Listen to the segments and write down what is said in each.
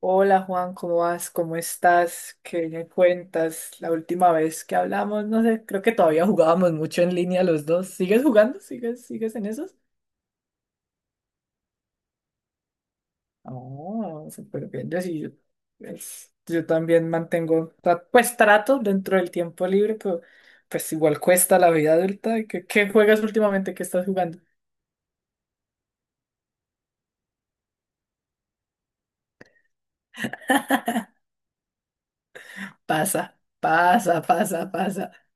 Hola Juan, ¿cómo vas? ¿Cómo estás? ¿Qué me cuentas? La última vez que hablamos, no sé, creo que todavía jugábamos mucho en línea los dos. ¿Sigues jugando? ¿Sigues en esos? Oh, súper bien. Yo sí, yo también mantengo, pues trato dentro del tiempo libre, pero pues igual cuesta la vida adulta. ¿Qué juegas últimamente? ¿Qué estás jugando? Pasa, pasa, pasa, pasa.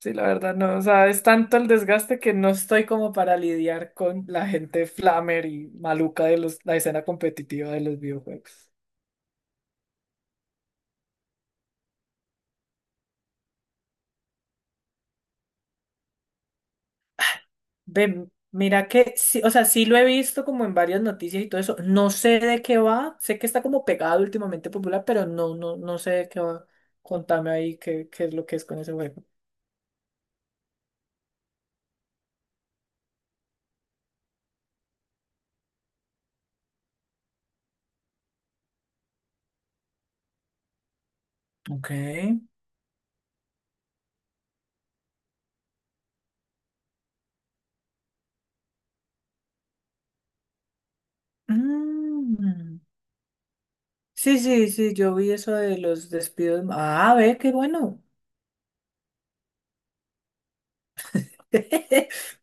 Sí, la verdad no, o sea, es tanto el desgaste que no estoy como para lidiar con la gente flamer y maluca de la escena competitiva de los videojuegos. Ve, mira que, sí, o sea, sí lo he visto como en varias noticias y todo eso. No sé de qué va, sé que está como pegado últimamente popular, pero no sé de qué va. Contame ahí qué es lo que es con ese juego. Ok. Mm. Sí, sí, sí, yo vi eso de los despidos. Ah, ve, qué bueno.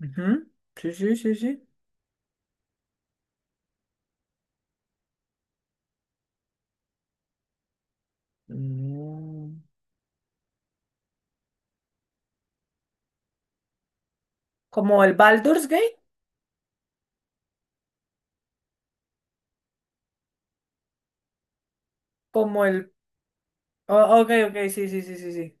Ujú. Sí, sí, sí, sí. Mm. Como el Baldur's Gate, como el... Oh, ok, ok, sí, sí, sí, sí, sí.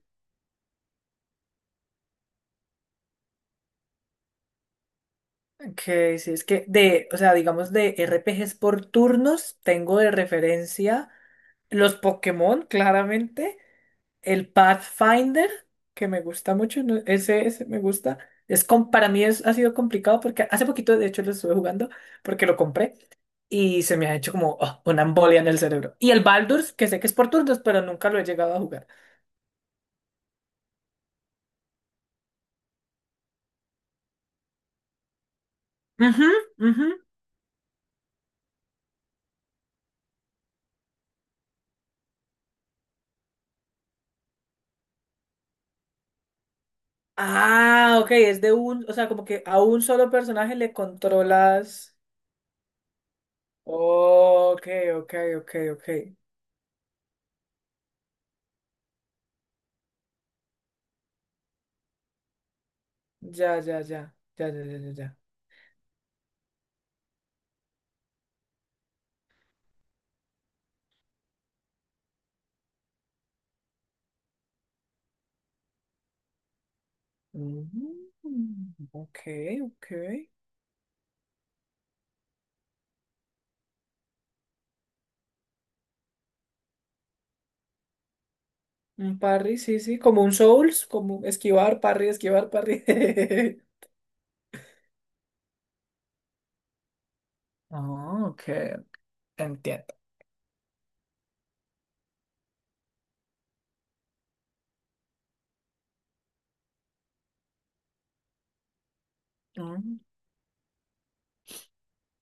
Ok, sí, es que de, o sea, digamos de RPGs por turnos, tengo de referencia los Pokémon, claramente, el Pathfinder, que me gusta mucho, ¿no? Ese me gusta. Para mí es, ha sido complicado porque hace poquito, de hecho, lo estuve jugando porque lo compré. Y se me ha hecho como oh, una embolia en el cerebro. Y el Baldur's, que sé que es por turnos, pero nunca lo he llegado a jugar. Ujú, ujú. Ah, ok, es de un, o sea, como que a un solo personaje le controlas. Ok, ok, ok, ok. Ya, ya, ya, ya, ya, ya, ya, ya. Mm, ok, ok. Un parry, sí, sí, como un Souls, como esquivar, parry, esquivar, parry. Ah, ok, entiendo.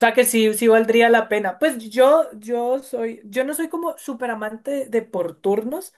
O sea que sí, sí valdría la pena. Pues yo no soy como súper amante de por turnos.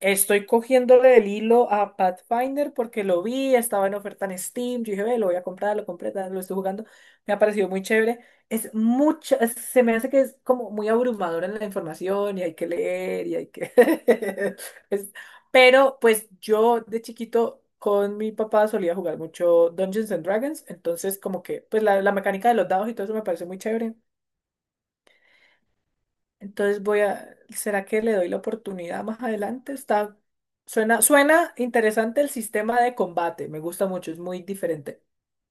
Estoy cogiéndole el hilo a Pathfinder porque lo vi, estaba en oferta en Steam. Yo dije, ve, lo voy a comprar, lo compré, tal, lo estoy jugando. Me ha parecido muy chévere. Se me hace que es como muy abrumadora la información y hay que leer y hay que. es- Pero pues yo de chiquito con mi papá solía jugar mucho Dungeons and Dragons, entonces como que pues la mecánica de los dados y todo eso me parece muy chévere. Entonces voy a, ¿será que le doy la oportunidad más adelante? Está, suena interesante el sistema de combate, me gusta mucho, es muy diferente,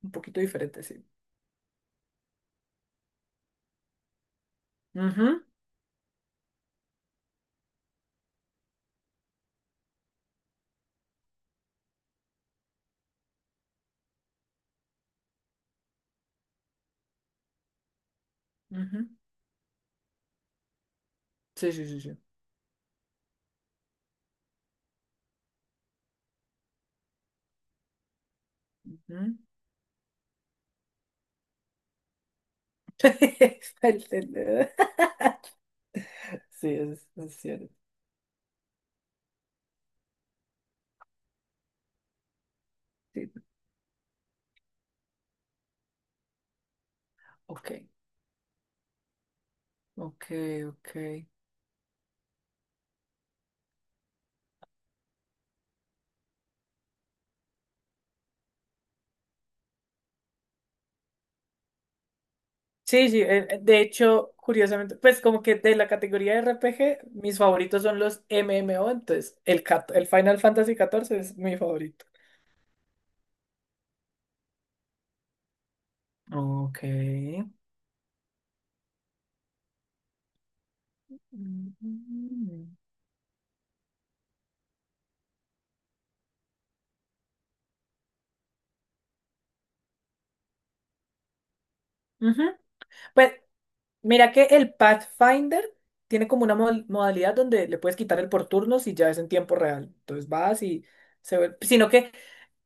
un poquito diferente, sí. Ujú, ujú. Sí, sí, sí, sí. Ujú. El teléfono. Sí, es cierto. Sí. Ok, ok, ok. Sí, sí, de hecho, curiosamente, pues como que de la categoría de RPG, mis favoritos son los MMO, entonces el Final Fantasy 14 es mi favorito. Ok. Ujú. Ujú. Pues mira que el Pathfinder tiene como una modalidad donde le puedes quitar el por turnos y ya es en tiempo real. Entonces vas y se ve. Sino que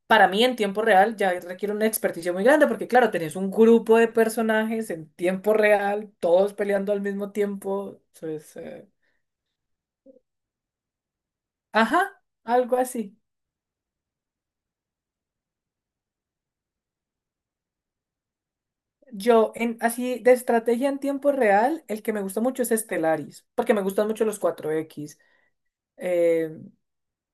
para mí en tiempo real ya requiere una experticia muy grande porque claro, tenés un grupo de personajes en tiempo real, todos peleando al mismo tiempo. Entonces, ajá, algo así. Yo, en, así de estrategia en tiempo real, el que me gusta mucho es Stellaris, porque me gustan mucho los 4X. eh,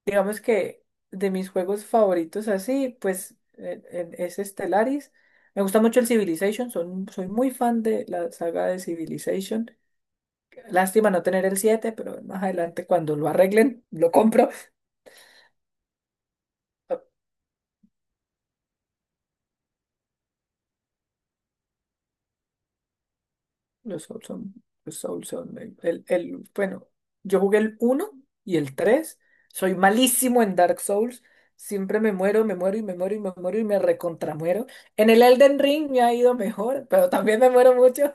digamos que de mis juegos favoritos así, pues es Stellaris. Me gusta mucho el Civilization, son, soy muy fan de la saga de Civilization. Lástima no tener el siete, pero más adelante cuando lo arreglen, lo compro. Ah, los Souls son, los Souls son bueno, yo jugué el uno y el tres. Soy malísimo en Dark Souls. Siempre me muero y me muero y me muero y me recontramuero. En el Elden Ring me ha ido mejor, pero también me muero mucho.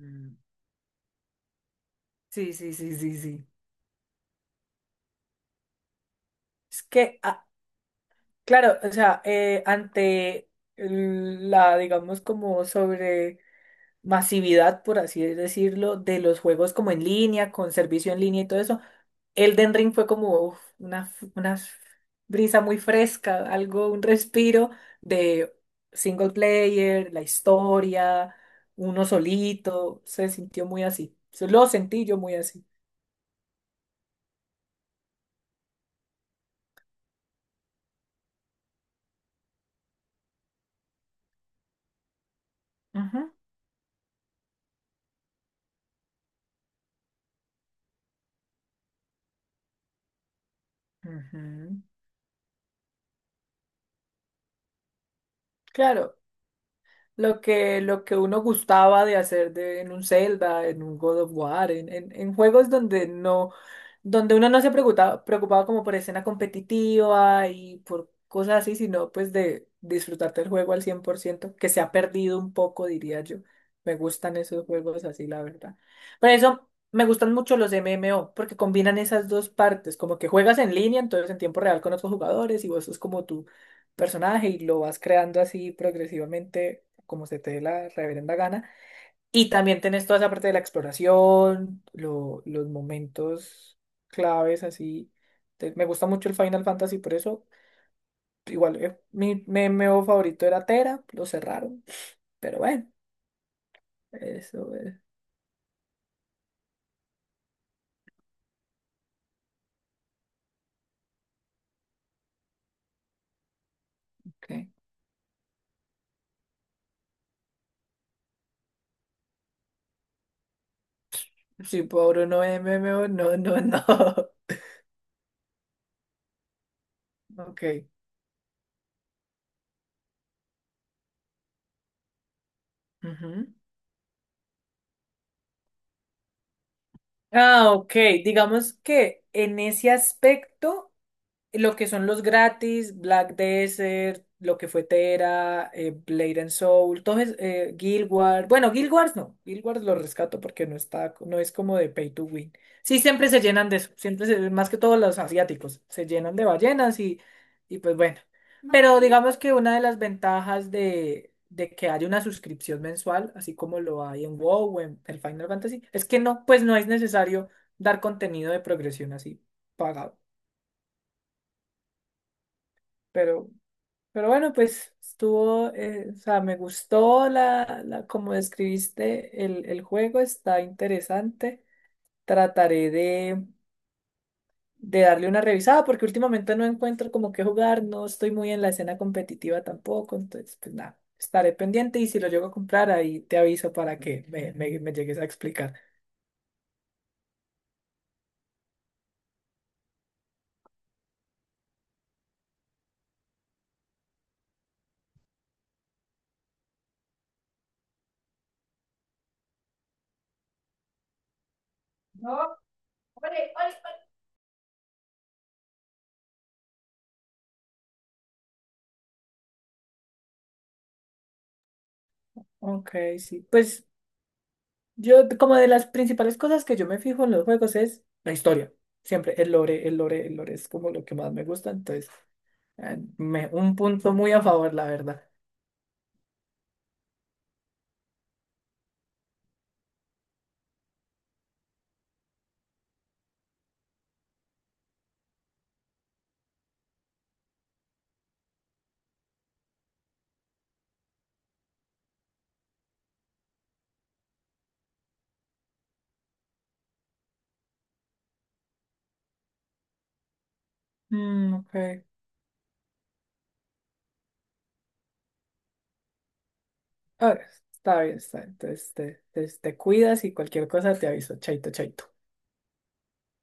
Mm. Sí, sí, sí, sí, sí. Es que, ah, claro, o sea, ante la digamos, como sobre masividad, por así decirlo, de los juegos como en línea, con servicio en línea y todo eso, Elden Ring fue como uf, una brisa muy fresca, algo, un respiro de single player, la historia, uno solito, se sintió muy así. Se lo sentí yo muy así. Ujú, ujú. Claro. Lo que uno gustaba de hacer de, en un Zelda, en un God of War, en juegos donde no, donde uno no se preocupaba como por escena competitiva y por cosas así, sino pues de disfrutarte el juego al 100%, que se ha perdido un poco, diría yo. Me gustan esos juegos así, la verdad. Por eso me gustan mucho los MMO, porque combinan esas dos partes, como que juegas en línea, entonces en tiempo real con otros jugadores, y vos sos como tu personaje y lo vas creando así progresivamente como se te dé la reverenda gana. Y también tenés toda esa parte de la exploración, los momentos claves así. Me gusta mucho el Final Fantasy, por eso igual mi MMO favorito era Tera, lo cerraron, pero bueno, eso es. Ok. Si por no MMO, no, no, no. Ok. Ujú. Ah, ok. Digamos que en ese aspecto. Lo que son los gratis, Black Desert, lo que fue Tera, Blade and Soul, todo es, Guild Wars. Bueno, Guild Wars no, Guild Wars lo rescato porque no está, no es como de pay to win. Sí, siempre se llenan de eso, más que todos los asiáticos, se llenan de ballenas y pues bueno. Pero digamos que una de las ventajas de que haya una suscripción mensual, así como lo hay en WoW o en el Final Fantasy, es que no, pues no es necesario dar contenido de progresión así pagado. Pero Pero bueno, pues estuvo, o sea, me gustó la como describiste el juego, está interesante. Trataré de darle una revisada porque últimamente no encuentro como qué jugar, no estoy muy en la escena competitiva tampoco, entonces pues nada, estaré pendiente y si lo llego a comprar ahí te aviso para que me llegues a explicar. Ok, sí, pues yo como de las principales cosas que yo me fijo en los juegos es la historia, siempre el lore es como lo que más me gusta, entonces... un punto muy a favor, la verdad. Mm, ok. Ah, está bien, está bien. Entonces te, te cuidas y cualquier cosa te aviso. Chaito, chaito.